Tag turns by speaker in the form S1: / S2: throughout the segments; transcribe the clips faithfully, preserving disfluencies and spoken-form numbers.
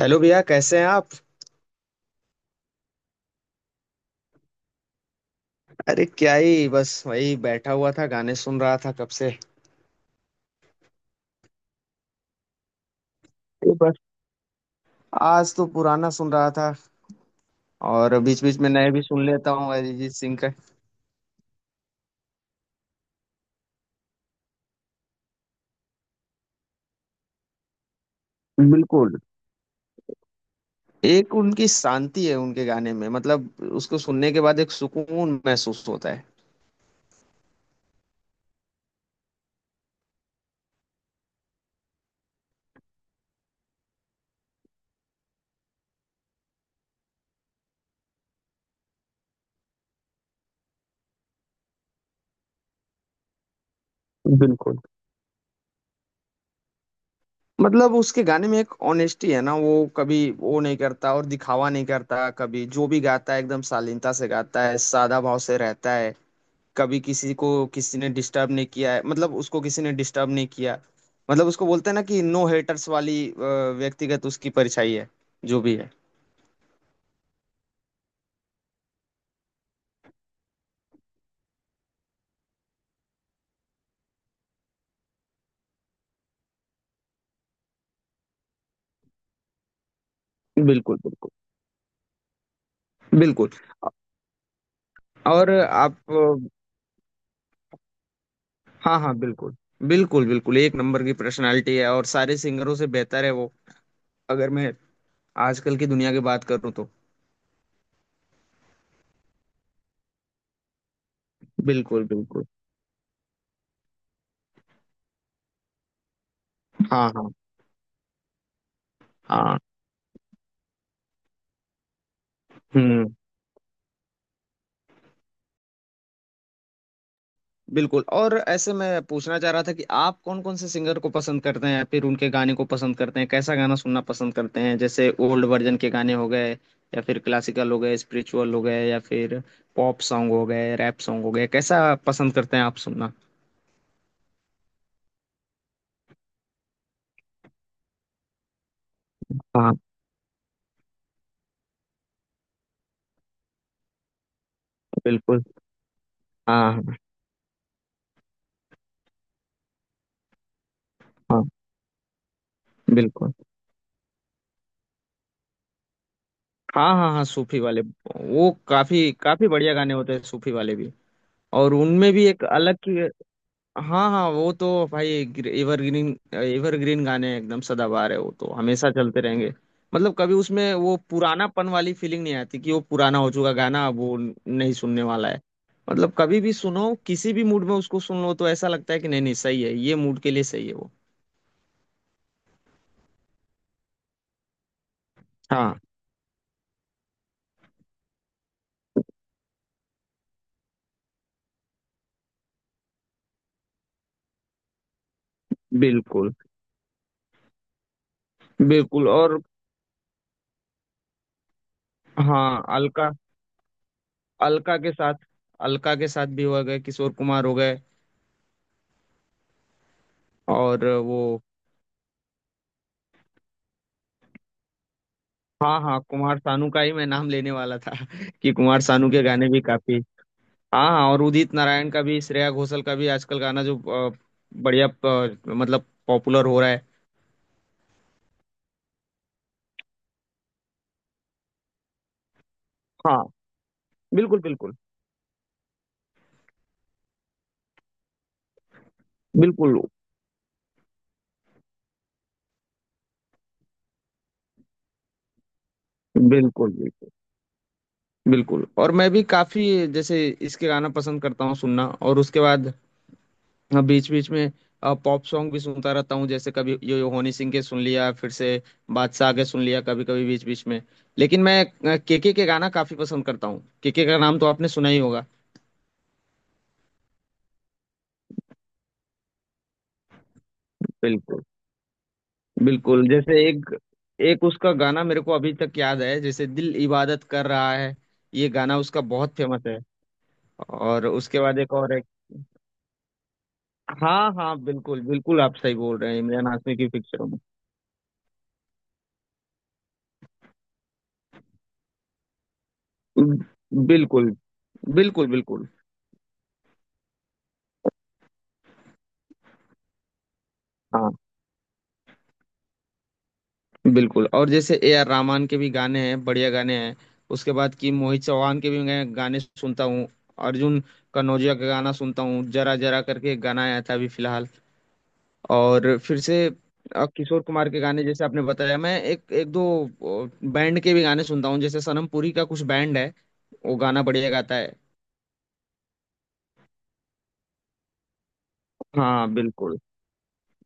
S1: Hello भैया, कैसे हैं आप? अरे क्या ही, बस वही बैठा हुआ था, गाने सुन रहा था कब से। ये बस आज तो पुराना सुन रहा था, और बीच बीच में नए भी सुन लेता हूँ अरिजीत सिंह का। बिल्कुल, एक उनकी शांति है उनके गाने में, मतलब उसको सुनने के बाद एक सुकून महसूस होता है। बिल्कुल, मतलब उसके गाने में एक ऑनेस्टी है ना। वो कभी वो नहीं करता, और दिखावा नहीं करता कभी, जो भी गाता है एकदम शालीनता से गाता है, सादा भाव से रहता है। कभी किसी को किसी ने डिस्टर्ब नहीं किया है, मतलब उसको किसी ने डिस्टर्ब नहीं किया। मतलब उसको बोलते हैं ना कि नो हेटर्स वाली अ, व्यक्तिगत उसकी परछाई है, जो भी है। बिल्कुल बिल्कुल बिल्कुल और आप। हाँ हाँ, बिल्कुल बिल्कुल बिल्कुल, एक नंबर की पर्सनालिटी है, और सारे सिंगरों से बेहतर है वो। अगर मैं आजकल की दुनिया की बात करूँ तो। बिल्कुल बिल्कुल। हाँ हाँ हाँ। हम्म। बिल्कुल। और ऐसे मैं पूछना चाह रहा था कि आप कौन कौन से सिंगर को पसंद करते हैं, या फिर उनके गाने को पसंद करते हैं, कैसा गाना सुनना पसंद करते हैं? जैसे ओल्ड वर्जन के गाने हो गए, या फिर क्लासिकल हो गए, स्पिरिचुअल हो गए, या फिर पॉप सॉन्ग हो गए, रैप सॉन्ग हो गए, कैसा पसंद करते हैं आप सुनना? हाँ बिल्कुल। हाँ हाँ हाँ। बिल्कुल। हाँ हाँ हाँ, सूफी वाले। वो काफी काफी बढ़िया गाने होते हैं सूफी वाले भी। और उनमें भी एक अलग की, हाँ हाँ, वो तो भाई एवरग्रीन, एवरग्रीन गाने हैं, एकदम सदाबहार है वो, तो हमेशा चलते रहेंगे। मतलब कभी उसमें वो पुरानापन वाली फीलिंग नहीं आती कि वो पुराना हो चुका गाना, अब वो नहीं सुनने वाला है। मतलब कभी भी सुनो, किसी भी मूड में उसको सुन लो, तो ऐसा लगता है कि नहीं नहीं, सही है, ये मूड के लिए सही है वो। हाँ बिल्कुल बिल्कुल और हाँ, अलका, अलका के साथ, अलका के साथ भी हो गए, किशोर कुमार हो गए। और वो, हाँ हाँ, कुमार सानू का ही मैं नाम लेने वाला था कि कुमार सानू के गाने भी काफी। हाँ हाँ, और उदित नारायण का भी, श्रेया घोषाल का भी आजकल गाना जो अ, बढ़िया अ, मतलब पॉपुलर हो रहा है। हाँ बिल्कुल बिल्कुल। बिल्कुल बिल्कुल बिल्कुल बिल्कुल और मैं भी काफी जैसे इसके गाना पसंद करता हूँ सुनना, और उसके बाद हाँ, बीच बीच में पॉप सॉन्ग भी सुनता रहता हूँ। जैसे कभी यो यो हनी सिंह के सुन लिया, फिर से बादशाह के सुन लिया, कभी कभी बीच बीच में। लेकिन मैं केके के गाना काफी पसंद करता हूँ, केके का नाम तो आपने सुना ही होगा। बिल्कुल, बिल्कुल, जैसे एक एक उसका गाना मेरे को अभी तक याद है, जैसे दिल इबादत कर रहा है, ये गाना उसका बहुत फेमस है। और उसके बाद एक और है, हाँ हाँ बिल्कुल बिल्कुल, आप सही बोल रहे हैं, इमरान हाशमी की पिक्चरों में। बिल्कुल बिल्कुल बिल्कुल। हाँ। बिल्कुल, और जैसे ए आर रहमान के भी गाने हैं, बढ़िया गाने हैं। उसके बाद कि मोहित चौहान के भी मैं गाने सुनता हूँ, अर्जुन कनौजिया का गाना सुनता हूँ, जरा जरा करके एक गाना आया था अभी फिलहाल। और फिर से अ, किशोर कुमार के गाने जैसे आपने बताया। मैं एक एक दो बैंड के भी गाने सुनता हूँ, जैसे सनम पुरी का कुछ बैंड है, वो गाना बढ़िया गाता है। हाँ बिल्कुल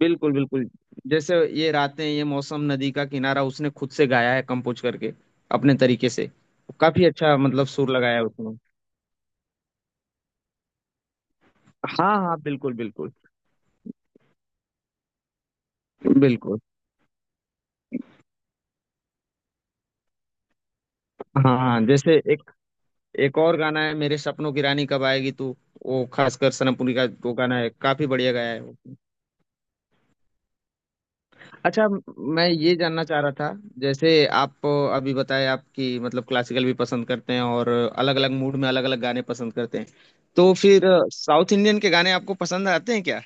S1: बिल्कुल बिल्कुल, जैसे ये रातें ये मौसम नदी का किनारा, उसने खुद से गाया है कंपोज करके, अपने तरीके से। काफी अच्छा मतलब सुर लगाया है उसने। हाँ हाँ बिल्कुल बिल्कुल बिल्कुल। हाँ हाँ, जैसे एक एक और गाना है, मेरे सपनों की रानी कब आएगी तू, वो खासकर सनमपुरी का वो गाना है, काफी बढ़िया गाया है वो। अच्छा, म- मैं ये जानना चाह रहा था, जैसे आप अभी बताए आपकी मतलब क्लासिकल भी पसंद करते हैं और अलग अलग मूड में अलग अलग गाने पसंद करते हैं, तो फिर साउथ इंडियन के गाने आपको पसंद आते हैं क्या?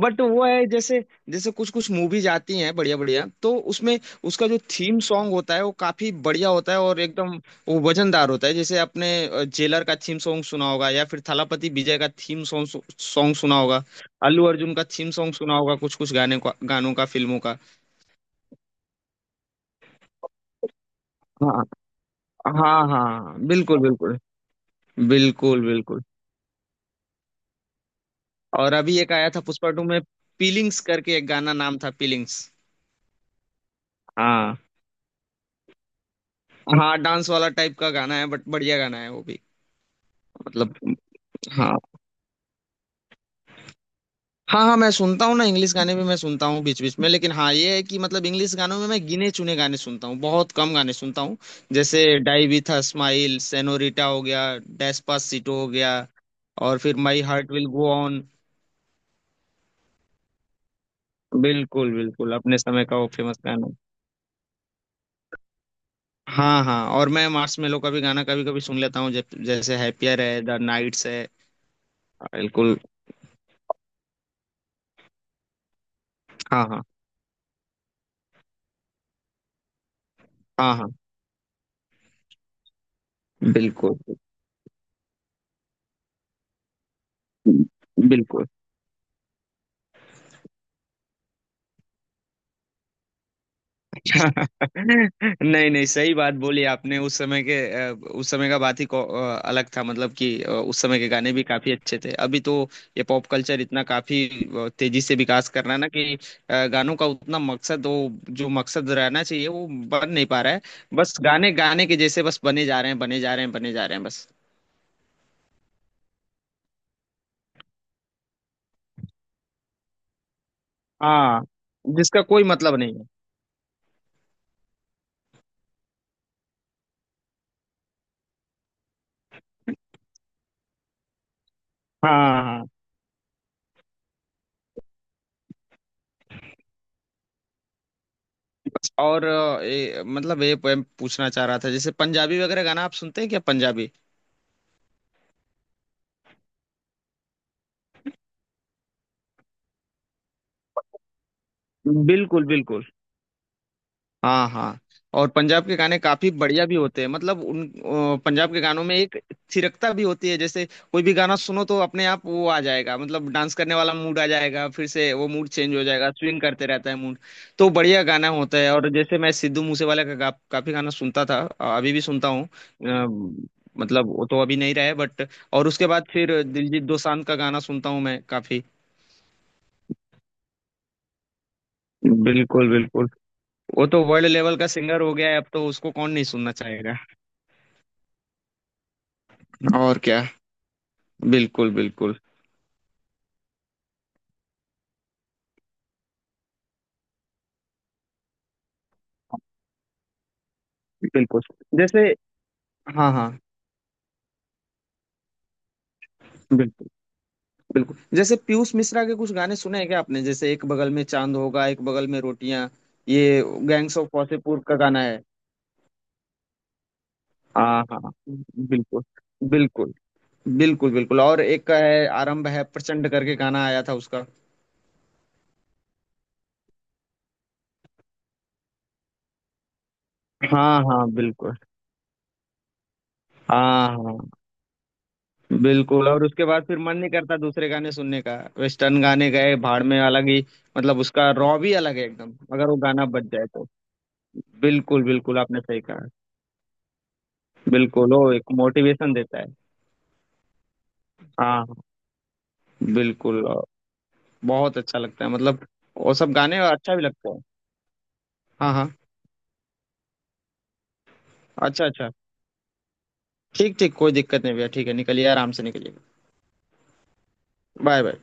S1: बट वो है जैसे, जैसे कुछ कुछ मूवीज आती हैं बढ़िया बढ़िया, तो उसमें उसका जो थीम सॉन्ग होता है वो काफी बढ़िया होता है, और एकदम वो वजनदार होता है। जैसे आपने अ, जेलर का थीम सॉन्ग सुना होगा, या फिर थलापति विजय का थीम सॉन्ग, सॉन्ग सुना होगा। अल्लू अर्जुन का थीम सॉन्ग सुना होगा, कुछ कुछ गाने का, गानों का, फिल्मों का। हाँ हाँ हाँ, बिल्कुल बिल्कुल। बिल्कुल बिल्कुल, और अभी एक आया था पुष्पा टू में, पीलिंग्स करके एक गाना, नाम था पीलिंग्स। हाँ हाँ, डांस वाला टाइप का गाना है बट बढ़िया गाना है वो भी। मतलब, हाँ हाँ हाँ, मैं सुनता हूँ ना इंग्लिश गाने भी, मैं सुनता हूँ बीच बीच में। लेकिन हाँ ये है कि मतलब इंग्लिश गानों में मैं गिने चुने गाने सुनता हूँ, बहुत कम गाने सुनता हूँ। जैसे die with a smile, Senorita हो गया, डेस्पासितो हो गया, और फिर my heart will go on. बिल्कुल बिल्कुल, अपने समय का वो फेमस गाना। हाँ हाँ, और मैं मार्शमेलो का भी गाना कभी कभी सुन लेता हूँ, जब- जैसे हैप्पियर है, द नाइट्स है। बिल्कुल। हाँ हाँ हाँ हाँ बिल्कुल बिल्कुल। नहीं नहीं, सही बात बोली आपने। उस समय के अ, उस समय का बात ही को- अ, अलग था, मतलब कि अ, उस समय के गाने भी काफी अच्छे थे। अभी तो ये पॉप कल्चर इतना काफी अ, तेजी से विकास कर रहा है ना, कि अ, गानों का उतना मकसद, वो जो मकसद रहना चाहिए वो बन नहीं पा रहा है। बस गाने, गाने के जैसे बस बने जा रहे हैं, बने जा रहे हैं, बने जा रहे हैं बस। हाँ, जिसका कोई मतलब नहीं है। हाँ हाँ, बस। और अ, ए, मतलब ये मैं पूछना चाह रहा था, जैसे पंजाबी वगैरह गाना आप सुनते हैं क्या, पंजाबी? बिल्कुल बिल्कुल। हाँ हाँ। और पंजाब के गाने काफी बढ़िया भी होते हैं, मतलब उन अ, पंजाब के गानों में एक थिरकता भी होती है। जैसे कोई भी गाना सुनो तो अपने आप वो आ जाएगा, मतलब डांस करने वाला मूड आ जाएगा, फिर से वो मूड चेंज हो जाएगा, स्विंग करते रहता है मूड। तो बढ़िया गाना होता है। और जैसे मैं सिद्धू मूसेवाला का गा, काफी गाना सुनता था, अ, अभी भी सुनता हूँ, अ, मतलब वो तो अभी नहीं रहे बट। और उसके बाद फिर दिलजीत दोसांझ का गाना सुनता हूँ मैं काफी। बिल्कुल बिल्कुल, वो तो वर्ल्ड लेवल का सिंगर हो गया है अब, तो उसको कौन नहीं सुनना चाहेगा? और क्या। बिल्कुल बिल्कुल बिल्कुल, जैसे हाँ हाँ बिल्कुल बिल्कुल, जैसे पीयूष मिश्रा के कुछ गाने सुने हैं क्या आपने? जैसे एक बगल में चांद होगा, एक बगल में रोटियां, ये गैंग्स ऑफ वासेपुर का गाना है। हाँ हाँ बिल्कुल बिल्कुल बिल्कुल बिल्कुल और एक का है, आरंभ है प्रचंड करके गाना आया था उसका। हाँ हाँ बिल्कुल। हाँ हाँ। बिल्कुल, और उसके बाद फिर मन नहीं करता दूसरे गाने सुनने का, वेस्टर्न गाने गए भाड़ में, अलग ही, मतलब उसका रॉ भी अलग है एकदम, अगर वो गाना बज जाए तो। बिल्कुल बिल्कुल, आपने सही कहा। बिल्कुल, वो एक मोटिवेशन देता है। हाँ बिल्कुल। बहुत अच्छा लगता है मतलब, वो सब गाने अच्छा भी लगता है। हाँ हाँ, अच्छा अच्छा, ठीक ठीक, कोई दिक्कत नहीं भैया, ठीक है, निकलिए, आराम से निकलिए। Bye bye.